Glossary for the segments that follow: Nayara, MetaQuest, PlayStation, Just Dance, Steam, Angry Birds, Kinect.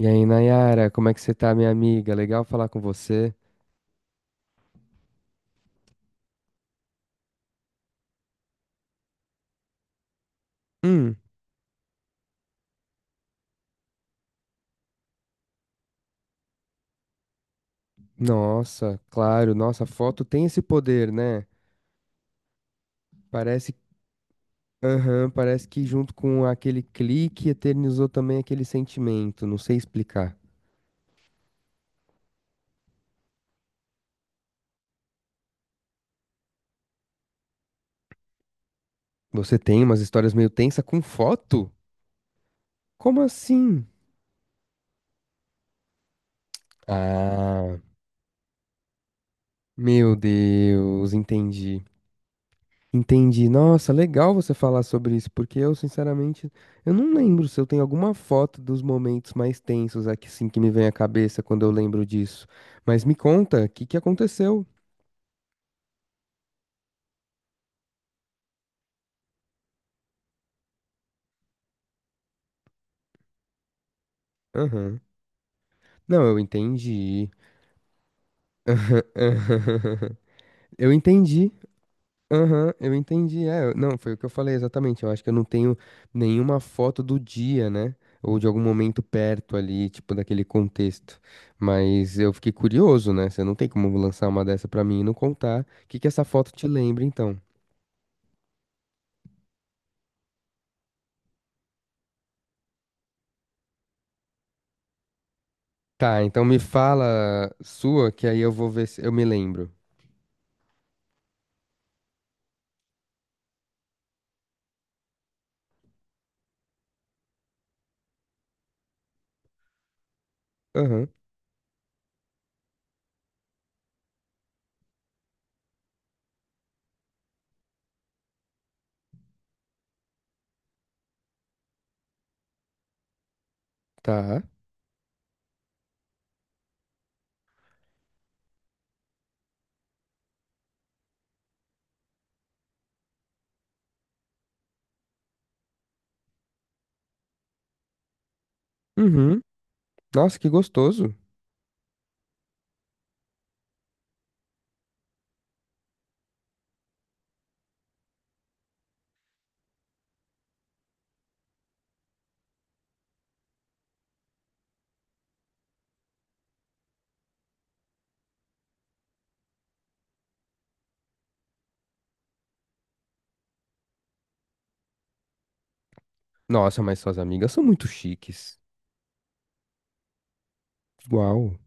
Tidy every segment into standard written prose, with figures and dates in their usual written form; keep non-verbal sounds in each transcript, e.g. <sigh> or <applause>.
E aí, Nayara, como é que você tá, minha amiga? Legal falar com você. Hum, nossa, claro, nossa, a foto tem esse poder, né? Parece, aham, parece que junto com aquele clique eternizou também aquele sentimento, não sei explicar. Você tem umas histórias meio tensa com foto? Como assim? Ah, meu Deus, entendi. Entendi. Nossa, legal você falar sobre isso, porque eu, sinceramente, eu não lembro se eu tenho alguma foto dos momentos mais tensos aqui, assim, que me vem à cabeça quando eu lembro disso. Mas me conta, o que que aconteceu? Aham. Não, eu entendi. <laughs> Eu entendi. Aham, eu entendi. É, não, foi o que eu falei exatamente. Eu acho que eu não tenho nenhuma foto do dia, né? Ou de algum momento perto ali, tipo, daquele contexto. Mas eu fiquei curioso, né? Você não tem como lançar uma dessa pra mim e não contar. O que que essa foto te lembra, então? Tá, então me fala sua, que aí eu vou ver se eu me lembro. Aham, tá. Uhum. Nossa, que gostoso. Nossa, mas suas amigas são muito chiques. Uau.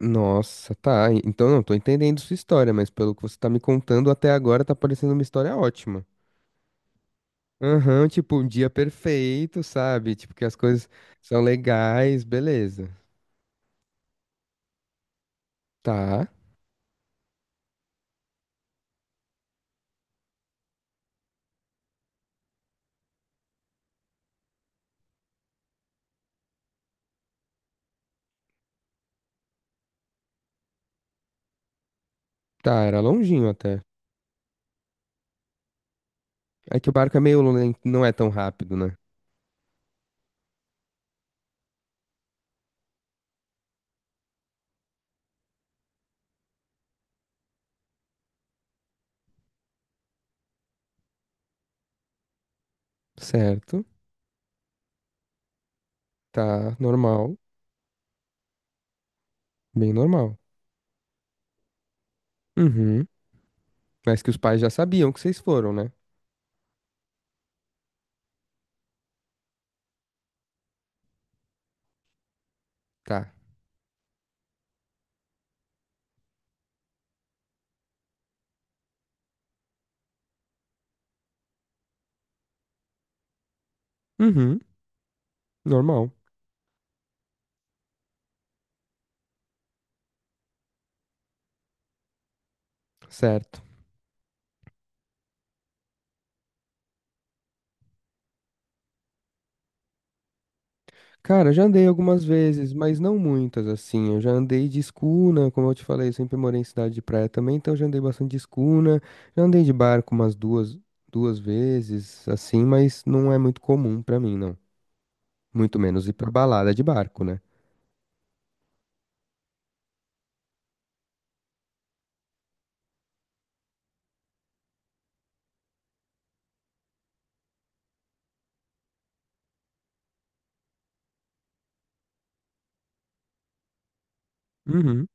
Nossa, tá. Então não tô entendendo sua história, mas pelo que você tá me contando até agora tá parecendo uma história ótima. Aham, tipo, um dia perfeito, sabe? Tipo, que as coisas são legais, beleza. Tá, tá, era longinho até. É que o barco é meio lento, não é tão rápido, né? Certo, tá, normal, bem normal. Uhum. Mas que os pais já sabiam que vocês foram, né? Tá. Uhum, normal, certo. Cara, já andei algumas vezes, mas não muitas, assim. Eu já andei de escuna, como eu te falei, eu sempre morei em cidade de praia também, então eu já andei bastante de escuna. Já andei de barco umas duas vezes, assim, mas não é muito comum pra mim, não. Muito menos ir pra balada de barco, né? Uhum.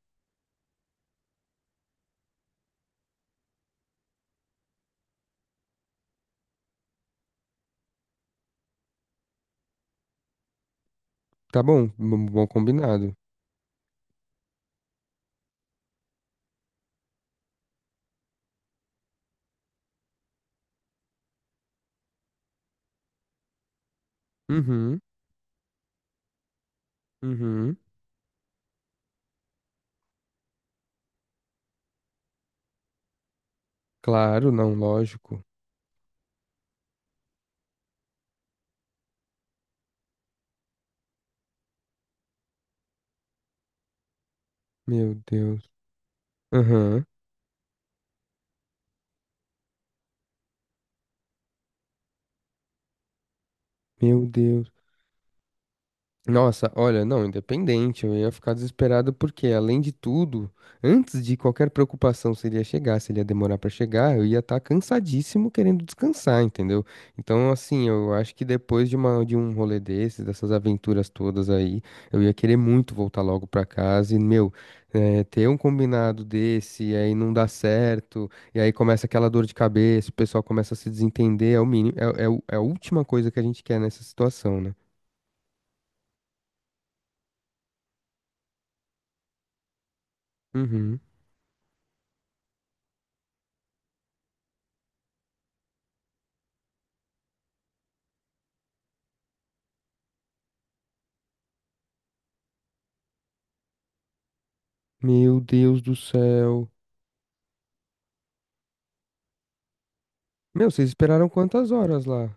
Tá bom, bom combinado. Uhum, uhum. Claro, não, lógico. Meu Deus. Aham, meu Deus. Nossa, olha, não, independente, eu ia ficar desesperado porque, além de tudo, antes de qualquer preocupação se ele ia chegar, se ele ia demorar pra chegar, eu ia estar cansadíssimo querendo descansar, entendeu? Então, assim, eu acho que depois de uma, de um rolê desses, dessas aventuras todas aí, eu ia querer muito voltar logo pra casa e, meu, ter um combinado desse, e aí não dá certo, e aí começa aquela dor de cabeça, o pessoal começa a se desentender, é o mínimo, é a última coisa que a gente quer nessa situação, né? Uhum. Meu Deus do céu. Meu, vocês esperaram quantas horas lá?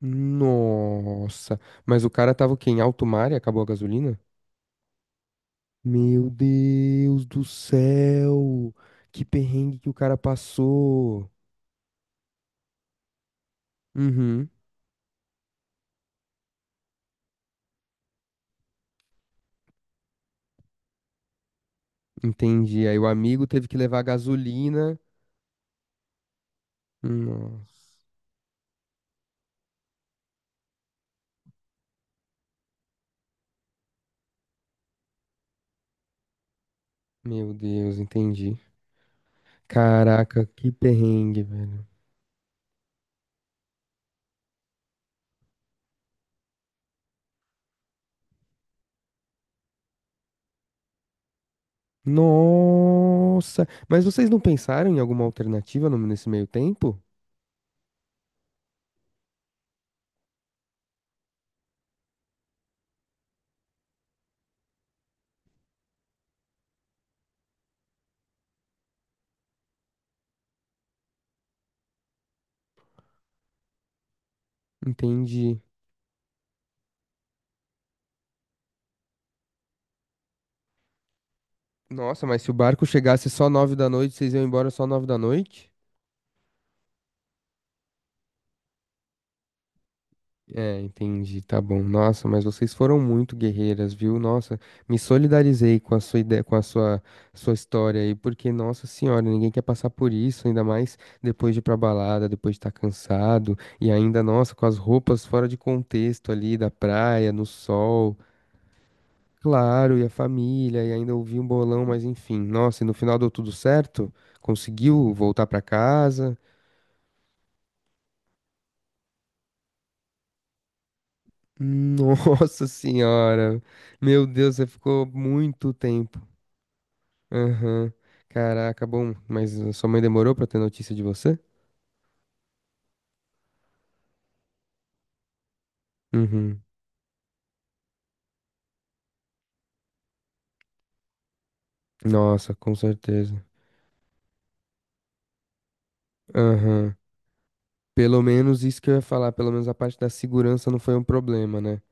Nossa. Mas o cara tava o quê? Em alto mar e acabou a gasolina? Meu Deus do céu. Que perrengue que o cara passou. Uhum. Entendi. Aí o amigo teve que levar gasolina. Nossa. Meu Deus, entendi. Caraca, que perrengue, velho. Nossa. Mas vocês não pensaram em alguma alternativa nesse meio tempo? Entendi. Nossa, mas se o barco chegasse só 9 da noite, vocês iam embora só 9 da noite? É, entendi, tá bom. Nossa, mas vocês foram muito guerreiras, viu? Nossa, me solidarizei com a sua ideia, com a sua história aí, porque, nossa senhora, ninguém quer passar por isso, ainda mais depois de ir pra balada, depois de estar cansado, e ainda, nossa, com as roupas fora de contexto ali, da praia, no sol. Claro, e a família, e ainda ouvi um bolão, mas enfim, nossa, e no final deu tudo certo? Conseguiu voltar pra casa? Nossa senhora. Meu Deus, você ficou muito tempo. Aham. Caraca, bom, mas a sua mãe demorou pra ter notícia de você? Uhum. Nossa, com certeza. Aham. Pelo menos isso que eu ia falar, pelo menos a parte da segurança não foi um problema, né?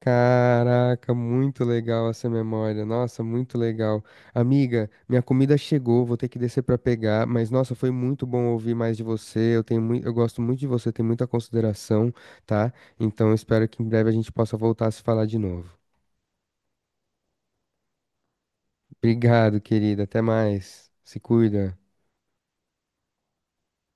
Caraca, muito legal essa memória. Nossa, muito legal. Amiga, minha comida chegou, vou ter que descer pra pegar, mas nossa, foi muito bom ouvir mais de você. Eu tenho muito, eu gosto muito de você, tenho muita consideração, tá? Então espero que em breve a gente possa voltar a se falar de novo. Obrigado, querida. Até mais. Se cuida.